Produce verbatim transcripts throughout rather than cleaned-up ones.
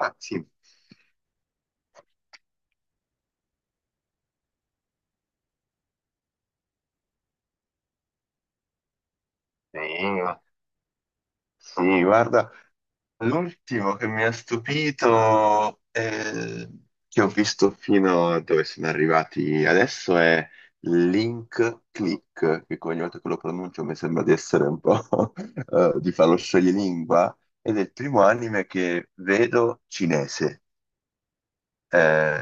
Ah, sì. Sì, sì, guarda, l'ultimo che mi ha stupito, eh, che ho visto fino a dove sono arrivati adesso è Link Click, che ogni volta che lo pronuncio mi sembra di essere un po' eh, di farlo scioglilingua, ed è il primo anime che vedo cinese. Eh,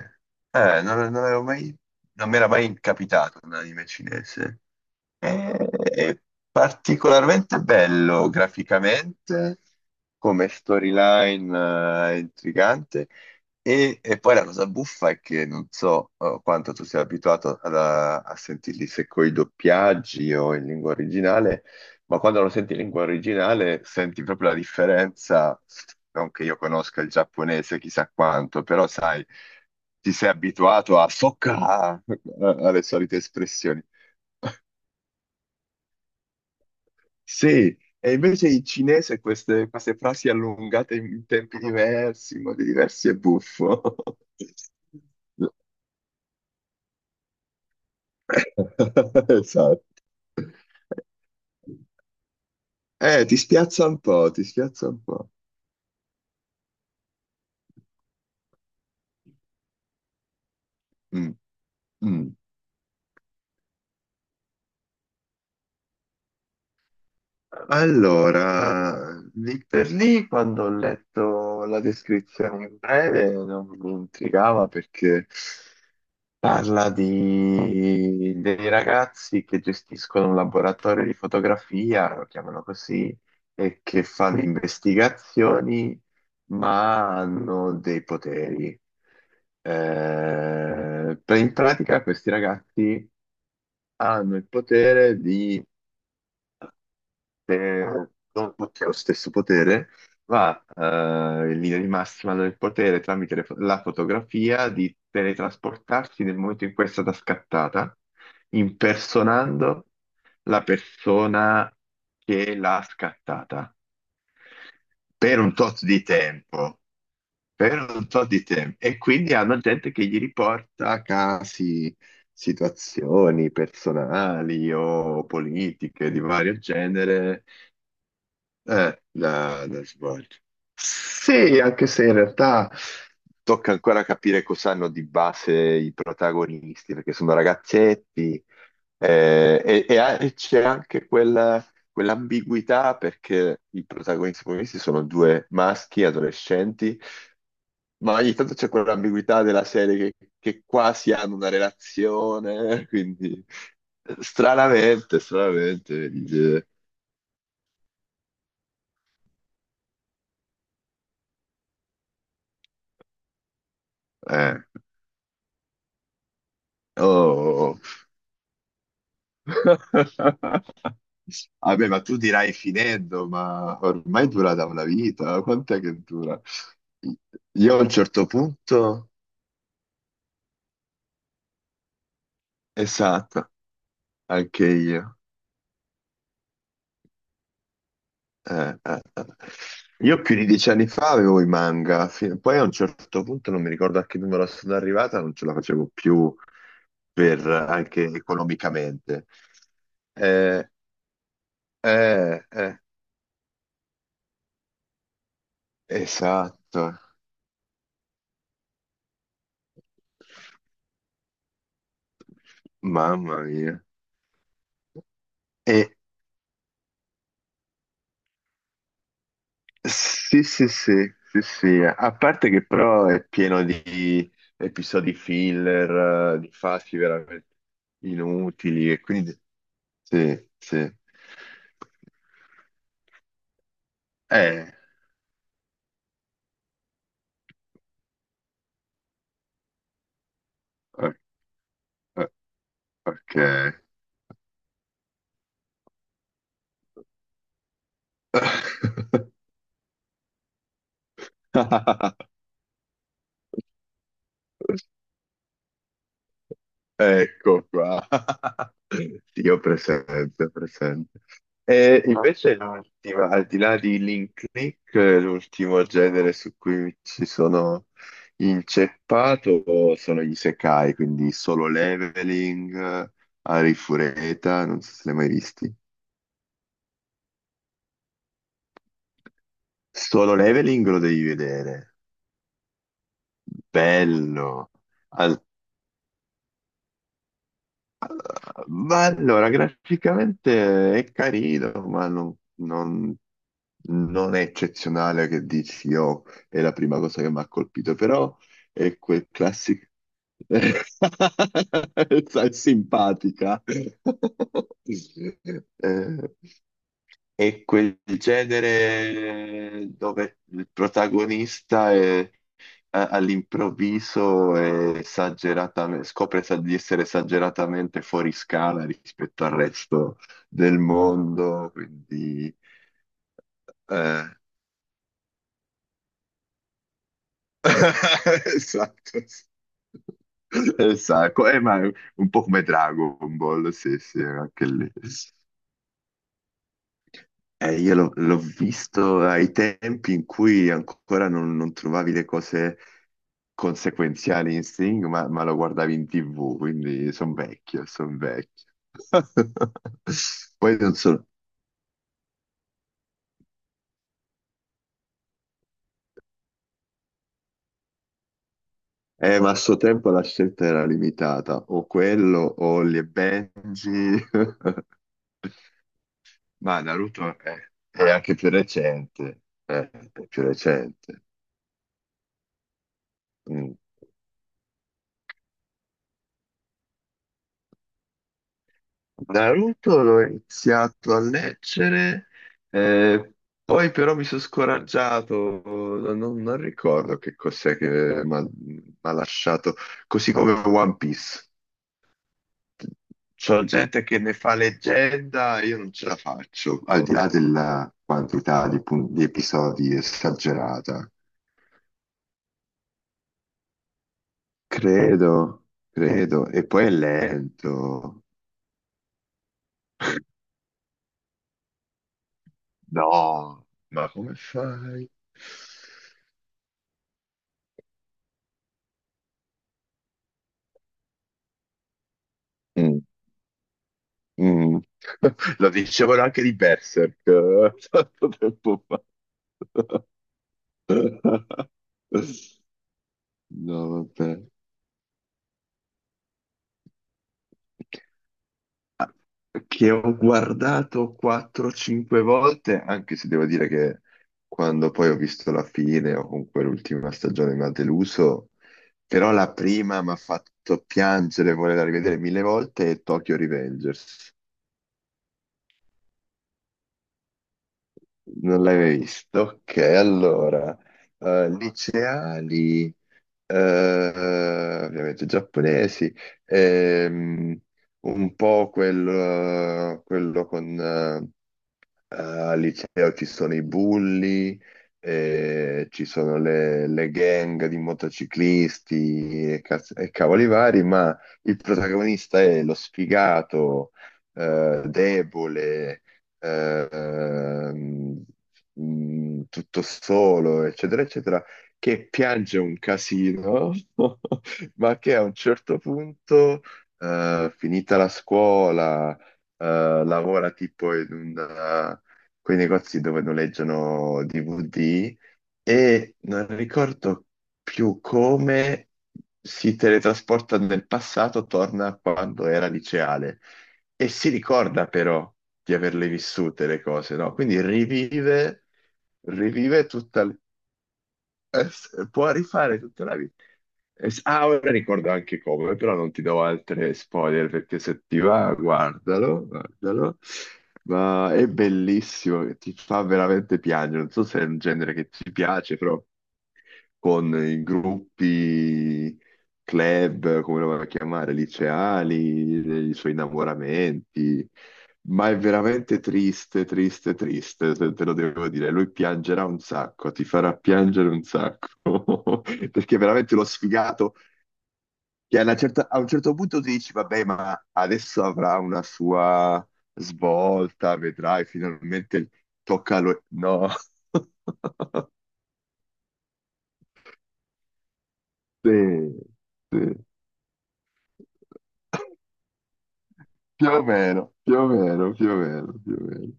eh, non, non avevo mai, non mi era mai capitato un anime cinese. È è particolarmente bello graficamente, come storyline, eh, intrigante. E, e poi la cosa buffa è che non so, eh, quanto tu sia abituato ad- a, a sentirli se coi doppiaggi o in lingua originale, ma quando lo senti in lingua originale senti proprio la differenza. Non che io conosca il giapponese chissà quanto, però sai, ti sei abituato a socca alle solite espressioni. Sì, e invece in cinese queste, queste frasi allungate in tempi diversi, in modi diversi è buffo. Esatto. Eh, ti spiazza un po', ti spiazza un po'. Mm, mm. Allora, lì per lì, quando ho letto la descrizione in breve, non mi intrigava perché parla di dei ragazzi che gestiscono un laboratorio di fotografia, lo chiamano così, e che fanno investigazioni, ma hanno dei poteri. Eh, per- in pratica questi ragazzi hanno il potere di se non tutti hanno lo stesso potere, ma eh, in linea di massima hanno il potere tramite le fo- la fotografia di teletrasportarsi nel momento in cui è stata scattata, impersonando la persona che l'ha scattata per un tot di tempo, per un tot di tempo. E quindi hanno gente che gli riporta casi, situazioni personali o politiche di vario genere eh, da, da svolgere. Sì, anche se in realtà tocca ancora capire cosa hanno di base i protagonisti, perché sono ragazzetti eh, e, e a- e c'è anche quella- quell'ambiguità perché i protagonisti protagonisti sono due maschi adolescenti, ma ogni tanto c'è quell'ambiguità della serie che, che quasi hanno una relazione, quindi stranamente, stranamente, dice, eh, oh, oh, oh. Vabbè, ma tu dirai finendo, ma ormai dura da una vita, eh? quant'è che dura? Io a un certo punto, esatto, anche io. Eh, eh, eh. Io più di dieci anni fa avevo i manga, fi- poi a un certo punto non mi ricordo a che numero sono arrivata, non ce la facevo più per, anche economicamente. Eh, eh, eh, esatto, mamma mia. E, sì, sì, sì, sì, sì, a parte che però è pieno di episodi filler, eh, di fasi veramente inutili e quindi sì, sì. Eh, o- o- ok. Ecco qua. Sì, ho presente, ho presente. E invece l'ultima, al di là di Link Click, eh, l'ultimo genere su cui ci sono inceppato sono gli isekai, quindi Solo Leveling, Arifureta, non so se li hai mai visti. Solo Leveling lo devi vedere, bello. Al- Ma allora, graficamente è carino, ma non, non- non è eccezionale che dici, oh, è la prima cosa che mi ha colpito, però è quel classico. Sai, simpatica. Eh, è quel genere dove il protagonista è- a- all'improvviso è esageratame- scopre sa- di essere esageratamente fuori scala rispetto al resto del mondo, quindi. eh, Esatto. Esatto, eh, ma è un po' come Dragon Ball, sì, sì, anche lì. Eh, io l'ho l'ho visto ai tempi in cui ancora non, non trovavi le cose conseguenziali in Sing, ma, ma lo guardavi in T V, quindi sono vecchio, sono vecchio. Poi non so, eh, ma a suo tempo la scelta era limitata, o quello o Holly e Benji, ma Naruto è, è anche più recente, eh, è più recente. Mm. Naruto l'ho iniziato a leggere, eh, poi però mi sono scoraggiato, non, non ricordo che cos'è che mi ha lasciato, così come One Piece. C'è gente che ne fa leggenda e io non ce la faccio, al di là della quantità di, pun- di episodi esagerata. Credo, credo, e poi è lento. No, ma come fai? Mm. Lo dicevano anche di Berserk eh, tanto tempo fa. No, vabbè. Che ho guardato quattro o cinque volte, anche se devo dire che quando poi ho visto la fine o comunque l'ultima stagione mi ha deluso, però la prima mi ha fatto piangere, volerla rivedere mille volte, è Tokyo Revengers. Non l'hai mai visto? Ok, allora, eh, liceali. eh, ovviamente giapponesi, ehm, un po' quel, eh, quello con, eh, al liceo ci sono i bulli, eh, ci sono le, le gang di motociclisti e, caz- e cavoli vari, ma il protagonista è lo sfigato, eh, debole, eh, ehm, mm, tutto solo, eccetera, eccetera, che piange un casino, ma che a un certo punto, eh, finita la scuola, eh, lavora tipo in un quei negozi dove noleggiano D V D e non ricordo più come si teletrasporta nel passato, torna a quando era liceale e si ricorda però di averle vissute le cose, no? Quindi rivive, rivive tutta, l- eh, può rifare tutta la vita eh, s- Ah, ora ricordo anche come, però non ti do altre spoiler perché se ti va, guardalo, guardalo. Ma è bellissimo, ti fa veramente piangere. Non so se è un genere che ti piace, però con i gruppi, club, come lo vuoi chiamare, liceali, i suoi innamoramenti. Ma è veramente triste, triste, triste, se te lo devo dire. Lui piangerà un sacco, ti farà piangere un sacco. Perché veramente lo sfigato che alla certa- a un certo punto ti dici, vabbè, ma adesso avrà una sua svolta, vedrai, finalmente tocca a lui. No. Sì, sì. Più o meno, più o meno, più o meno, più o meno.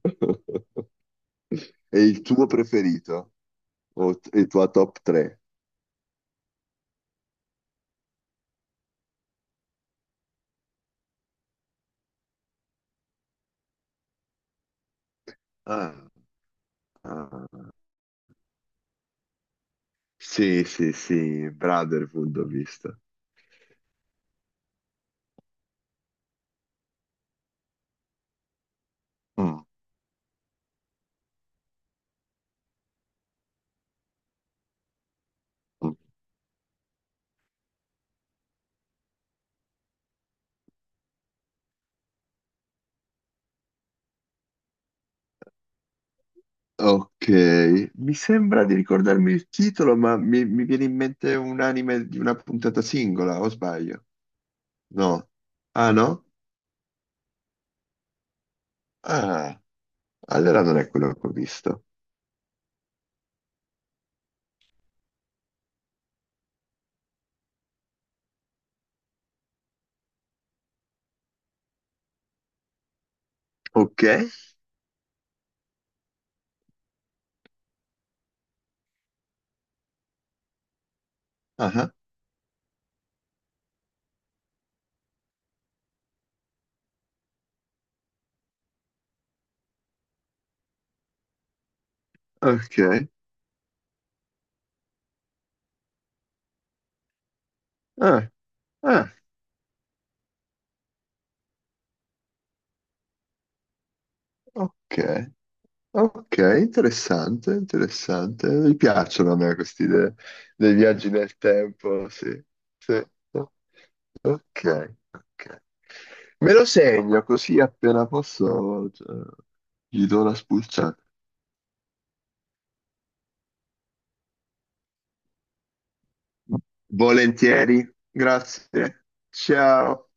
È il tuo preferito? O t- il tuo top tre? Ah, ah. Sì, sì, sì, Brotherhood ho visto. Mm, Ok, mi sembra di ricordarmi il titolo, ma mi, mi viene in mente un anime di una puntata singola, o sbaglio? No. Ah, no? Ah, allora non è quello che ho visto. Ok. Ah, ok. Ah, ah, ok. Ok, interessante, interessante. Mi piacciono a me queste idee dei viaggi nel tempo, sì. Sì. Ok, ok. Me lo segno così appena posso, cioè, gli do una spulciata. Volentieri, grazie. Ciao.